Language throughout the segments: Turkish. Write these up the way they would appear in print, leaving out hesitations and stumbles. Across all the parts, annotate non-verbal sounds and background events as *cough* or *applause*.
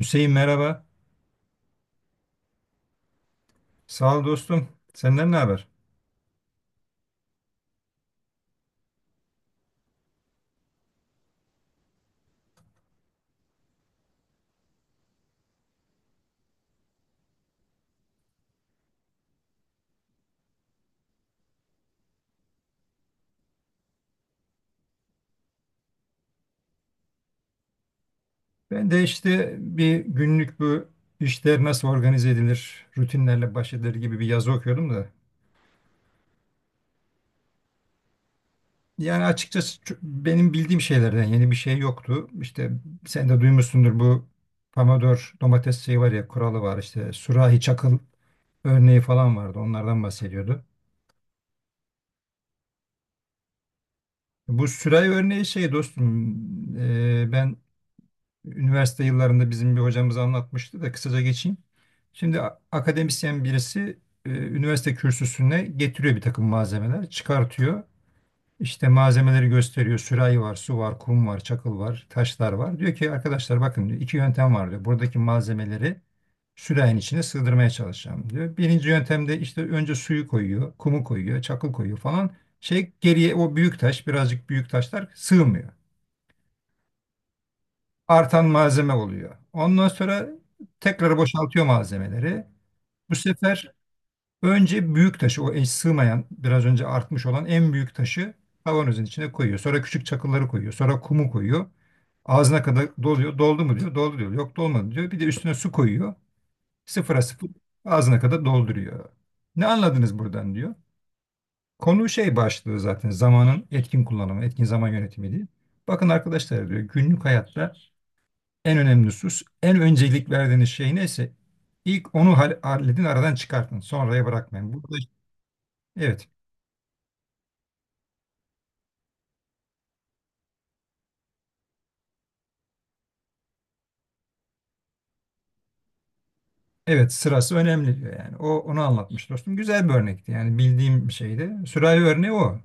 Hüseyin merhaba. Sağ ol dostum. Senden ne haber? Ben de işte bir günlük bu işler nasıl organize edilir, rutinlerle baş edilir gibi bir yazı okuyordum da. Yani açıkçası benim bildiğim şeylerden yeni bir şey yoktu. İşte sen de duymuşsundur bu Pomodoro domates şeyi var ya kuralı var işte sürahi çakıl örneği falan vardı onlardan bahsediyordu. Bu sürahi örneği şey dostum ben üniversite yıllarında bizim bir hocamız anlatmıştı da kısaca geçeyim. Şimdi akademisyen birisi üniversite kürsüsüne getiriyor bir takım malzemeler, çıkartıyor. İşte malzemeleri gösteriyor. Sürahi var, su var, kum var, çakıl var, taşlar var. Diyor ki arkadaşlar bakın diyor iki yöntem var diyor. Buradaki malzemeleri sürahinin içine sığdırmaya çalışacağım diyor. Birinci yöntemde işte önce suyu koyuyor, kumu koyuyor, çakıl koyuyor falan. Şey geriye o büyük taş, birazcık büyük taşlar sığmıyor artan malzeme oluyor. Ondan sonra tekrar boşaltıyor malzemeleri. Bu sefer önce büyük taşı, o eş sığmayan, biraz önce artmış olan en büyük taşı kavanozun içine koyuyor. Sonra küçük çakılları koyuyor. Sonra kumu koyuyor. Ağzına kadar doluyor. Doldu mu diyor. Doldu diyor. Yok dolmadı diyor. Bir de üstüne su koyuyor. Sıfıra sıfır ağzına kadar dolduruyor. Ne anladınız buradan diyor. Konu şey başlığı zaten zamanın etkin kullanımı, etkin zaman yönetimi diye. Bakın arkadaşlar diyor günlük hayatta en önemli husus, en öncelik verdiğiniz şey neyse ilk onu halledin, aradan çıkartın. Sonraya bırakmayın. Burada evet. Evet, sırası önemli diyor yani. O onu anlatmış dostum. Güzel bir örnekti. Yani bildiğim bir şeydi. Sürahi örneği o.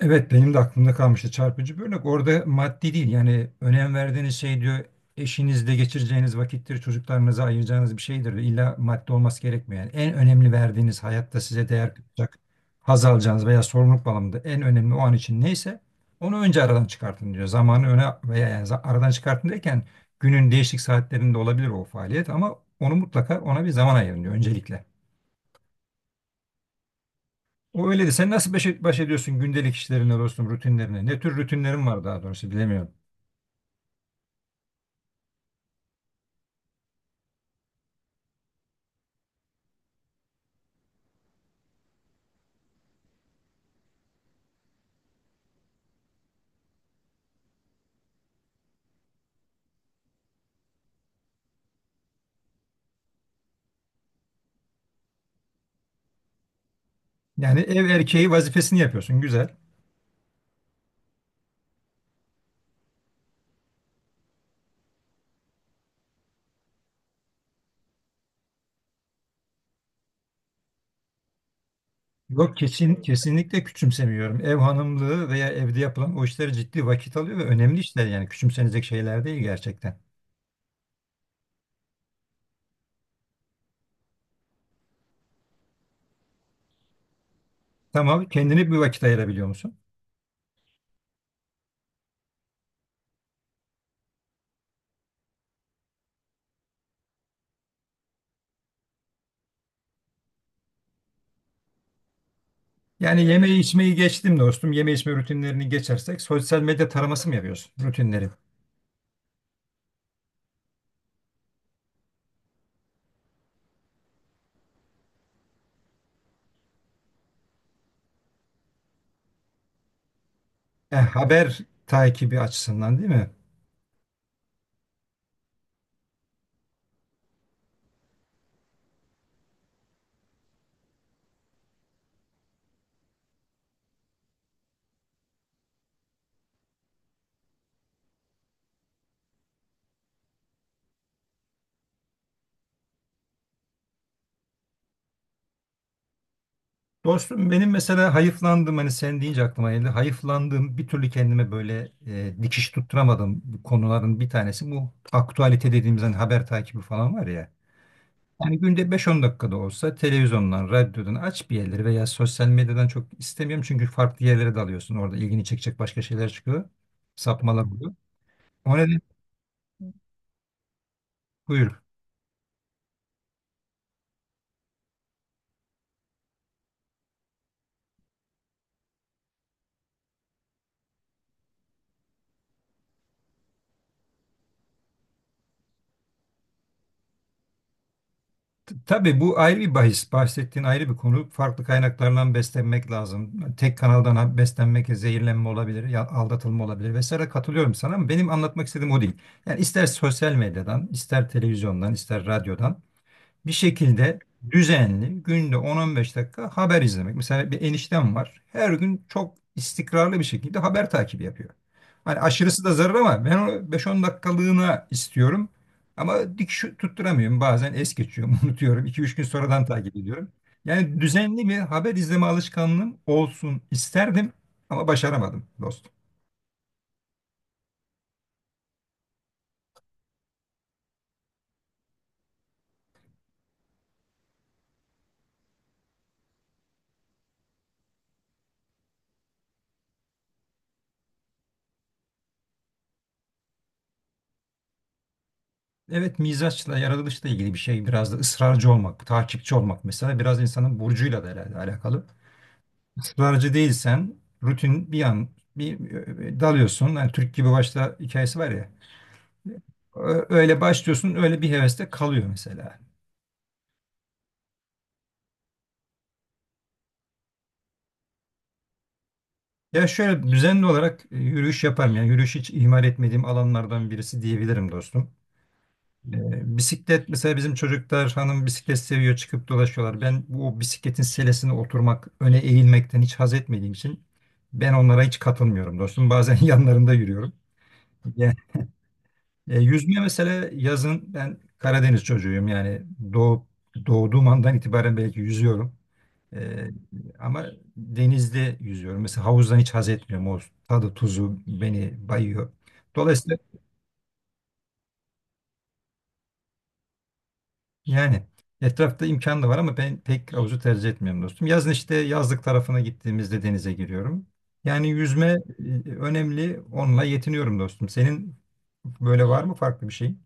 Evet benim de aklımda kalmıştı çarpıcı bir örnek. Orada maddi değil yani önem verdiğiniz şey diyor eşinizle geçireceğiniz vakittir, çocuklarınıza ayıracağınız bir şeydir. İlla maddi olması gerekmiyor. Yani en önemli verdiğiniz hayatta size değer katacak, haz alacağınız veya sorumluluk bağlamında en önemli o an için neyse onu önce aradan çıkartın diyor. Zamanı öne veya yani aradan çıkartın derken günün değişik saatlerinde olabilir o faaliyet ama onu mutlaka ona bir zaman ayırın diyor öncelikle. O öyle de sen nasıl baş ediyorsun gündelik işlerine dostum rutinlerine? Ne tür rutinlerin var daha doğrusu bilemiyorum. Yani ev erkeği vazifesini yapıyorsun güzel. Yok kesin kesinlikle küçümsemiyorum. Ev hanımlığı veya evde yapılan o işler ciddi vakit alıyor ve önemli işler yani küçümsenecek şeyler değil gerçekten. Tamam kendine bir vakit ayırabiliyor musun? Yani yemeği içmeyi geçtim dostum. Yeme içme rutinlerini geçersek sosyal medya taraması mı yapıyorsun rutinleri? E, haber takibi açısından değil mi? Dostum benim mesela hayıflandığım hani sen deyince aklıma geldi. Hayıflandığım bir türlü kendime böyle dikiş tutturamadığım konuların bir tanesi bu aktualite dediğimiz hani haber takibi falan var ya. Yani günde beş on dakikada olsa televizyondan, radyodan aç bir yerleri veya sosyal medyadan çok istemiyorum. Çünkü farklı yerlere dalıyorsun. Orada ilgini çekecek başka şeyler çıkıyor. Sapmalar oluyor. O nedenle buyur. T- Tabii bu ayrı bir bahis. Bahsettiğin ayrı bir konu. Farklı kaynaklardan beslenmek lazım. Tek kanaldan beslenmek zehirlenme olabilir, aldatılma olabilir vesaire. Katılıyorum sana ama benim anlatmak istediğim o değil. Yani ister sosyal medyadan, ister televizyondan, ister radyodan bir şekilde düzenli günde 10-15 dakika haber izlemek. Mesela bir eniştem var. Her gün çok istikrarlı bir şekilde haber takibi yapıyor. Hani aşırısı da zarar ama ben onu 5-10 dakikalığına istiyorum. Ama dik şu tutturamıyorum. Bazen es geçiyorum, *laughs* unutuyorum. İki üç gün sonradan takip ediyorum. Yani düzenli bir haber izleme alışkanlığım olsun isterdim ama başaramadım dostum. Evet mizaçla, yaratılışla ilgili bir şey. Biraz da ısrarcı olmak, takipçi olmak mesela biraz insanın burcuyla da herhalde alakalı. Israrcı değilsen rutin bir an bir dalıyorsun. Yani Türk gibi başta hikayesi var ya. Öyle başlıyorsun, öyle bir heveste kalıyor mesela. Ya şöyle düzenli olarak yürüyüş yaparım. Yani yürüyüş hiç ihmal etmediğim alanlardan birisi diyebilirim dostum. Bisiklet mesela bizim çocuklar hanım bisiklet seviyor çıkıp dolaşıyorlar. Ben bu bisikletin selesine oturmak, öne eğilmekten hiç haz etmediğim için ben onlara hiç katılmıyorum dostum. Bazen *laughs* yanlarında yürüyorum. Yüzme mesela yazın ben Karadeniz çocuğuyum yani doğup doğduğum andan itibaren belki yüzüyorum. E, ama denizde yüzüyorum. Mesela havuzdan hiç haz etmiyorum. O tadı tuzu beni bayıyor. Dolayısıyla yani etrafta imkan da var ama ben pek havuzu tercih etmiyorum dostum. Yazın işte yazlık tarafına gittiğimizde denize giriyorum. Yani yüzme önemli. Onunla yetiniyorum dostum. Senin böyle var mı farklı bir şey?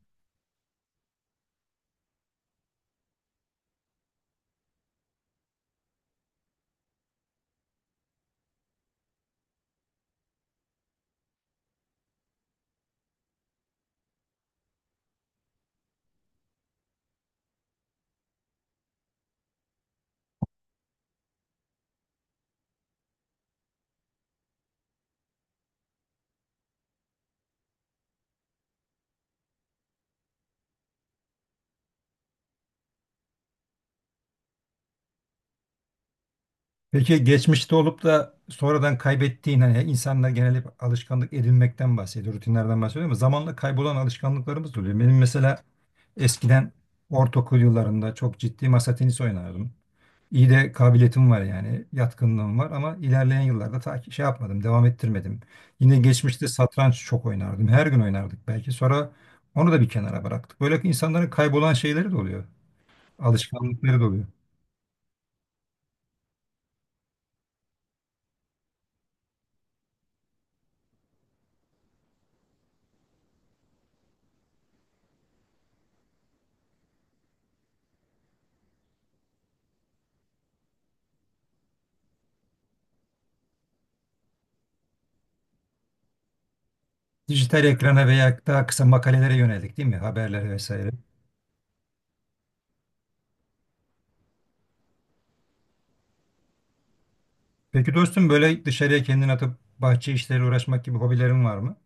Peki geçmişte olup da sonradan kaybettiğin hani insanlar genel hep alışkanlık edinmekten bahsediyor, rutinlerden bahsediyor ama zamanla kaybolan alışkanlıklarımız da oluyor. Benim mesela eskiden ortaokul yıllarında çok ciddi masa tenisi oynardım. İyi de kabiliyetim var yani, yatkınlığım var ama ilerleyen yıllarda ta ki şey yapmadım, devam ettirmedim. Yine geçmişte satranç çok oynardım. Her gün oynardık belki. Sonra onu da bir kenara bıraktık. Böyle insanların kaybolan şeyleri de oluyor, alışkanlıkları da oluyor. Dijital ekrana veya daha kısa makalelere yönelik değil mi? Haberlere vesaire. Peki dostum böyle dışarıya kendini atıp bahçe işleriyle uğraşmak gibi hobilerin var mı?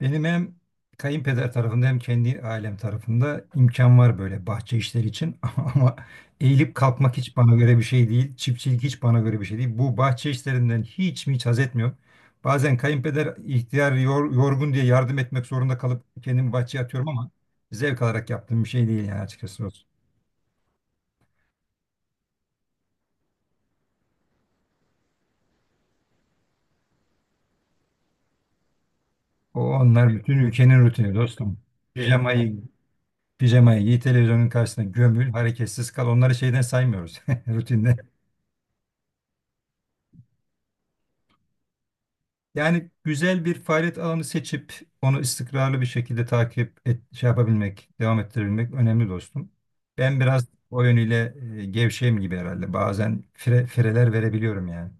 Benim hem kayınpeder tarafında hem kendi ailem tarafında imkan var böyle bahçe işleri için. *laughs* Ama eğilip kalkmak hiç bana göre bir şey değil. Çiftçilik hiç bana göre bir şey değil. Bu bahçe işlerinden hiç mi hiç haz etmiyorum. Bazen kayınpeder ihtiyar yorgun diye yardım etmek zorunda kalıp kendimi bahçeye atıyorum ama zevk alarak yaptığım bir şey değil yani açıkçası. O anlar bütün ülkenin rutini dostum. Pijamayı, pijamayı giy, televizyonun karşısına gömül, hareketsiz kal. Onları şeyden saymıyoruz *laughs* rutinde. Yani güzel bir faaliyet alanı seçip onu istikrarlı bir şekilde takip et, şey yapabilmek, devam ettirebilmek önemli dostum. Ben biraz o yönüyle gevşeyim gibi herhalde. Bazen fireler verebiliyorum yani.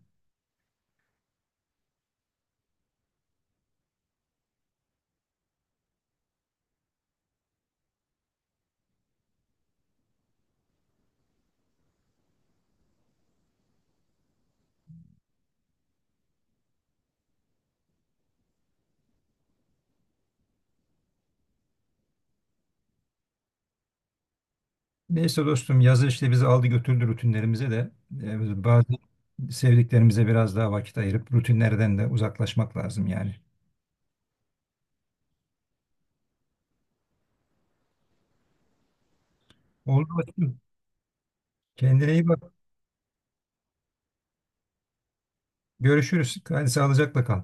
Neyse dostum yazı işte bizi aldı götürdü rutinlerimize de bazen sevdiklerimize biraz daha vakit ayırıp rutinlerden de uzaklaşmak lazım yani. Oldu bakayım. Kendine iyi bak. Görüşürüz. Hadi sağlıcakla kal.